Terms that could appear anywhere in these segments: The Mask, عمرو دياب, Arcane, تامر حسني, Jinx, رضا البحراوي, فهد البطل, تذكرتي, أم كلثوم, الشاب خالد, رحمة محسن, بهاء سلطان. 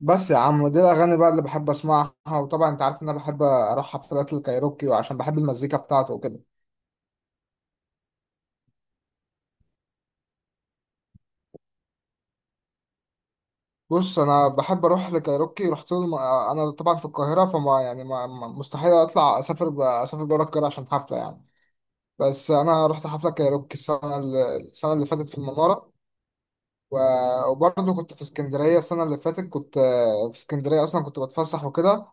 بس يا عم دي الأغاني بقى اللي بحب أسمعها وطبعا أنت عارف إن أنا بحب أروح حفلات الكايروكي وعشان بحب المزيكا بتاعته وكده. بص، أنا بحب أروح لكايروكي. أنا طبعا في القاهرة، فما يعني ما ما- مستحيل أطلع أسافر أسافر بره القاهرة عشان حفلة يعني. بس أنا رحت حفلة كايروكي السنة اللي فاتت في المنارة. وبرضه كنت في اسكندرية السنة اللي فاتت، كنت في اسكندرية أصلا كنت بتفسح وكده.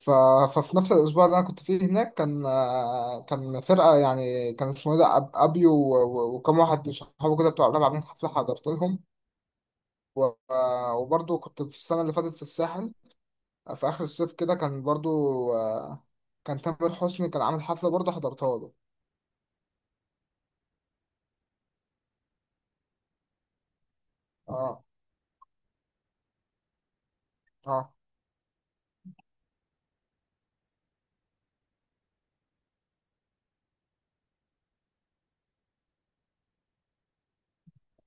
ف... ففي نفس الأسبوع اللي أنا كنت فيه هناك كان كان فرقة، يعني كان اسمه إيه ده، أبيو وكم واحد من صحابه كده بتوع الراب عاملين حفلة حضرت لهم. و... آه، وبرضه كنت في السنة اللي فاتت في الساحل، في آخر الصيف كده كان برضه. آه، كان تامر حسني كان عامل حفلة برضه حضرتها له. اه، اه،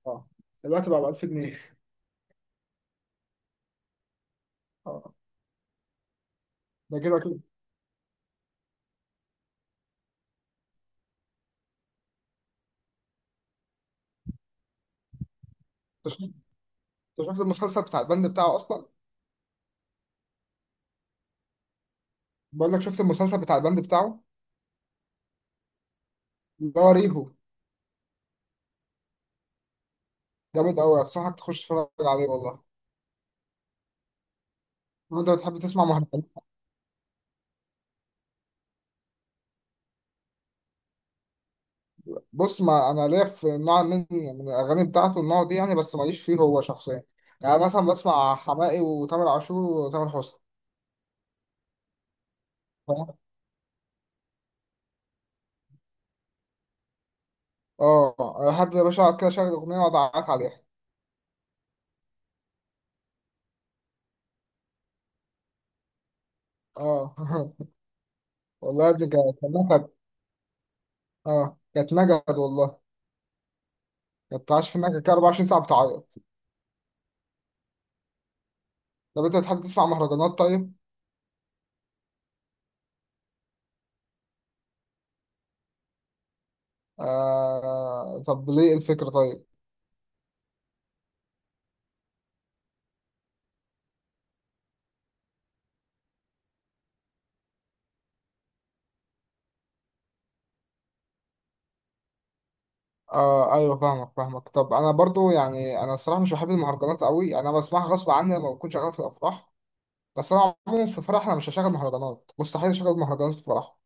اه، دلوقتي بقى ب 1000 جنيه. اه، ده كده كده. انت شفت أنت شفت المسلسل بتاع البند بتاعه أصلا؟ بقول لك، شفت المسلسل بتاع البند بتاعه؟ اللي هو ريهو. جامد أوي، أنصحك تخش تتفرج عليه والله. هو انت بتحب تسمع مهرجانات؟ بص، ما انا ليا في نوع من الاغاني بتاعته، النوع دي يعني، بس ماليش فيه هو شخصيا. يعني مثلا بسمع حماقي وتامر عاشور وتامر حسني، فاهم؟ اه، احب يا باشا اقعد كده اشغل اغنيه واقعد اعيط عليها. اه. والله يا ابني كانت نكد. اه، كانت نكد والله. كانت عايش في النكد كده 24 ساعه بتعيط. طب انت بتحب تسمع مهرجانات طيب؟ آه طب ليه الفكره طيب؟ اه، ايوه، فاهمك فاهمك. طب انا برضو يعني، انا الصراحه مش بحب المهرجانات قوي، انا بسمعها غصب عني لما بكون شغال في الافراح. بس انا عموما في فرح، انا مش هشغل مهرجانات، مستحيل اشغل مهرجانات في فرح.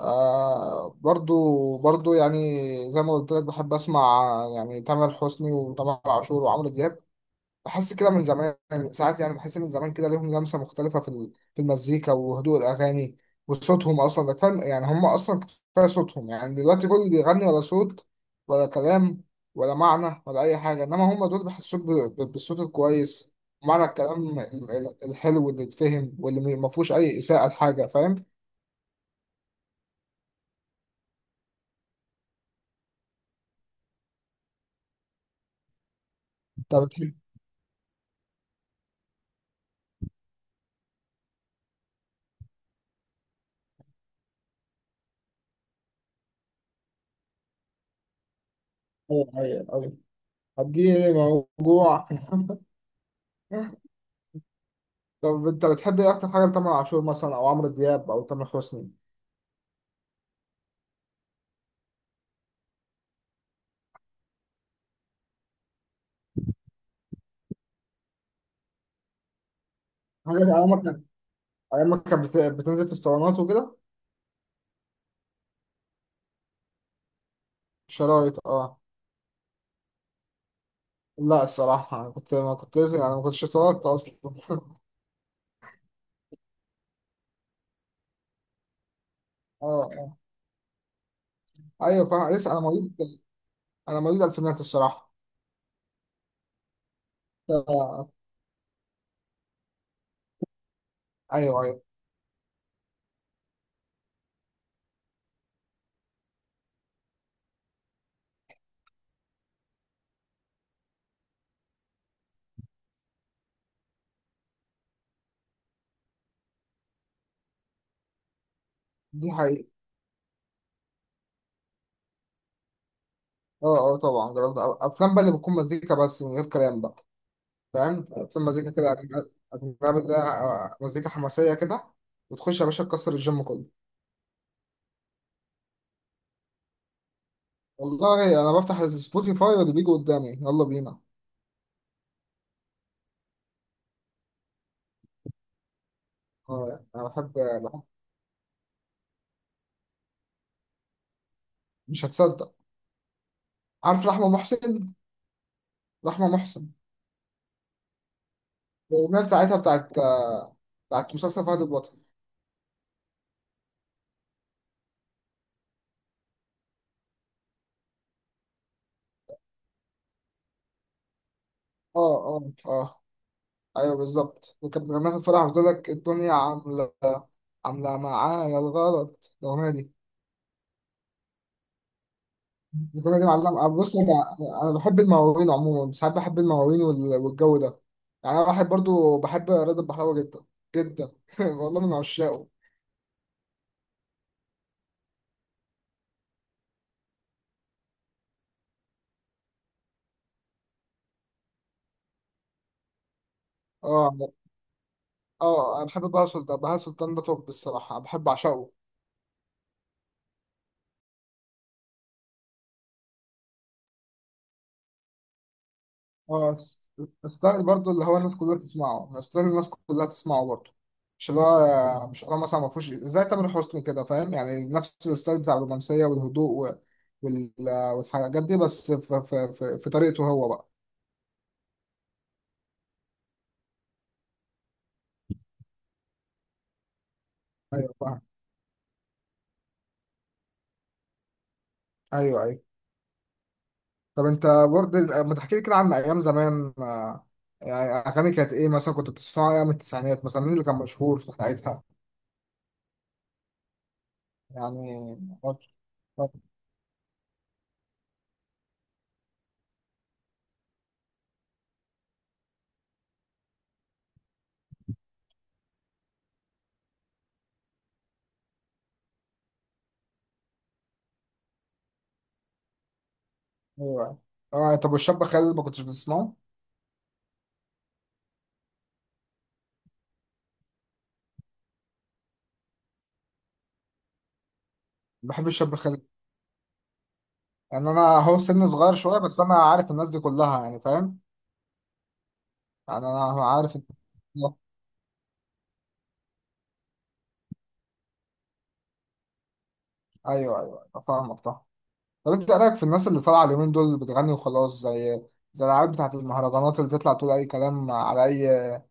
آه، برضو برضو، يعني زي ما قلت لك بحب اسمع يعني تامر حسني وتامر عاشور وعمرو دياب. بحس كده من زمان، ساعات يعني بحس من زمان كده ليهم لمسة مختلفة في في المزيكا وهدوء الأغاني. وصوتهم أصلا ده كفاية، يعني هم أصلا كفاية صوتهم. يعني دلوقتي كل اللي بيغني ولا صوت، ولا كلام، ولا معنى، ولا أي حاجة، إنما هم دول بيحسوك بالصوت الكويس ومعنى الكلام الحلو اللي يتفهم واللي ما فيهوش أي إساءة لحاجة، فاهم؟ طب بتحب. أيوه أيوه أيوه، اديني موجوع. طب أنت بتحب إيه أكتر حاجة لتامر عاشور مثلا أو عمرو دياب أو تامر حسني؟ حاجة عمرك، ايام ما بتنزل في الصالونات وكده. شرايط، اه. لا الصراحه، أنا كنت ما كنت لازم انا ما كنتش صالونات اصلا. اه، اه، ايوه فاهم. لسه انا مواليد، انا مواليد الفينات الصراحه. ف- ايوه ايوه. دي حقيقة. اه، اه طبعا جربت، افلام بقى اللي بتكون مزيكا بس من غير كلام بقى، فاهم؟ افلام مزيكا كده، أجنبي أجنبي. ده مزيكا حماسية كده، وتخش يا باشا تكسر الجيم كله. والله انا بفتح سبوتيفاي واللي بيجي قدامي يلا بينا. اه، انا بحب، بحب- مش هتصدق. عارف رحمة محسن؟ رحمة محسن. الأغنية بتاعتها بتاعت بتاعت مسلسل فهد البطل. اه، اه، اه ايوه بالظبط، اللي كانت بتغنيها في الفرح وتقول لك الدنيا عاملة عاملة معايا الغلط، الأغنية دي. الأغنية دي معلمة. بص أنا، أنا بحب المواويل عموما. ساعات بحب المواويل والجو ده. يعني أنا واحد برضو بحب رضا البحراوي جدا جدا. والله من عشاقه. اه، اه أنا بحب بهاء سلطان. بهاء سلطان ده توب الصراحة، بحب أعشقه. اه، ستايل برضه اللي هو الناس كلها تسمعه، ستايل الناس كلها تسمعه برضه. مش اللي هو مثلا ما فيهوش زي تامر حسني كده، فاهم؟ يعني نفس الستايل بتاع الرومانسية والهدوء وال... والحاجات دي، بس في طريقته هو بقى. ايوه فاهم، ايوه ايوه. طب انت برضه ما تحكي لي كده عن ايام زمان، يعني اغاني كانت ايه مثلا كنت بتسمعها ايام التسعينات، مثلا مين اللي كان مشهور في ساعتها يعني؟ ايوه، اه طب والشاب خالد ما كنتش بتسمعه؟ بحب الشاب خالد يعني. انا هو سن صغير شويه، بس انا عارف الناس دي كلها يعني، فاهم يعني؟ انا عارف انت. ايوه ايوه أيوة، فاهمك فاهم. طب انت إيه رايك في الناس اللي طالعه اليومين دول بتغني وخلاص، زي زي العيال بتاعت المهرجانات، اللي تطلع تقول اي كلام على اي،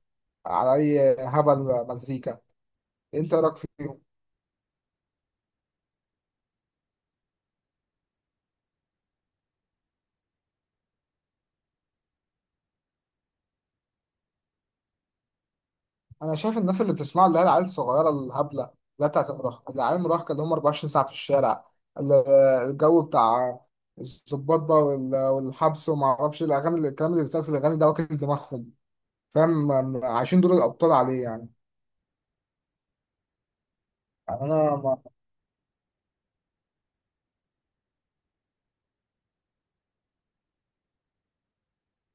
على اي هبل مزيكا؟ انت إيه رايك فيهم؟ انا شايف الناس اللي بتسمعوا، اللي هي العيال الصغيره الهبله، اللي هي بتاعت المراهقه، العيال المراهقه اللي هم 24 ساعه في الشارع، ال- الجو بتاع الظباط بقى والحبس وما اعرفش إيه، الاغاني الكلام اللي بيتقال في الاغاني ده واكل دماغهم، فاهم؟ عايشين دور الابطال عليه يعني. يعني انا ما...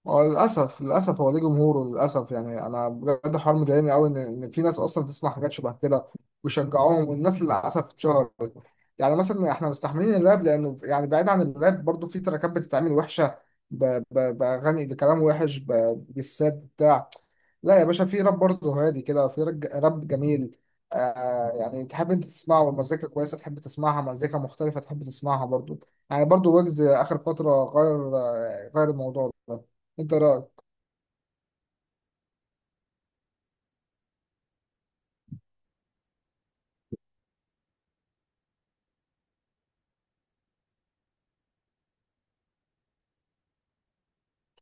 هو للاسف، للاسف هو ليه جمهوره للاسف. يعني انا بجد حوار مضايقني قوي، ان إن في ناس اصلا تسمع حاجات شبه كده ويشجعوهم، والناس للاسف اتشهرت. يعني مثلا احنا مستحملين الراب لانه يعني، بعيد عن الراب برضو في تراكات بتتعمل وحشه، ب... باغاني بكلام وحش، بالسات بتاع. لا يا باشا، في راب برضه هادي كده، في راب جميل، آه، يعني تحب انت تسمعه والمزيكا كويسه، تحب تسمعها مزيكا مختلفه تحب تسمعها برضه، يعني برضه ويجز اخر فتره غير غير الموضوع ده. انت رايك؟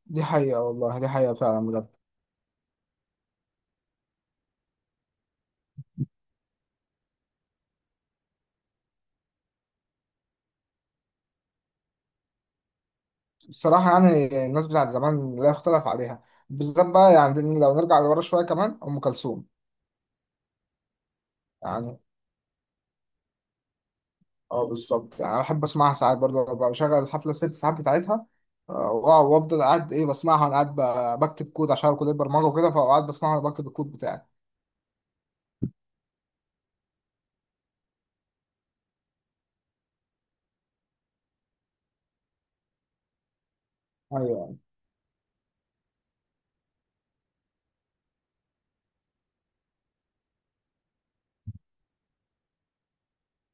دي حقيقه والله، دي حقيقه فعلا بجد. الصراحه يعني، الناس بتاعت زمان لا يختلف عليها، بالذات بقى يعني لو نرجع لورا شويه كمان ام كلثوم. يعني اه بالظبط، يعني احب اسمعها ساعات برضه. ببقى بشغل الحفله الست ساعات بتاعتها، آه، وافضل قاعد ايه بسمعها وانا قاعد بكتب كود عشان كليه برمجه وكده، فقعد بسمعها وانا بكتب الكود بتاعي. ايوه.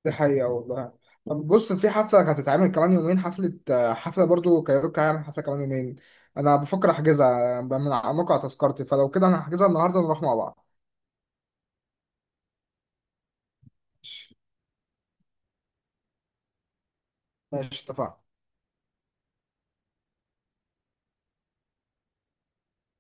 دي حقيقة والله. طب بص، في حفلة كانت هتتعمل كمان يومين، حفلة حفلة برضو كايروكا هيعمل حفلة كمان يومين. أنا بفكر أحجزها، من على موقع تذكرتي، فلو كده أنا هحجزها النهاردة نروح مع بعض. ماشي. ماشي، اتفقنا.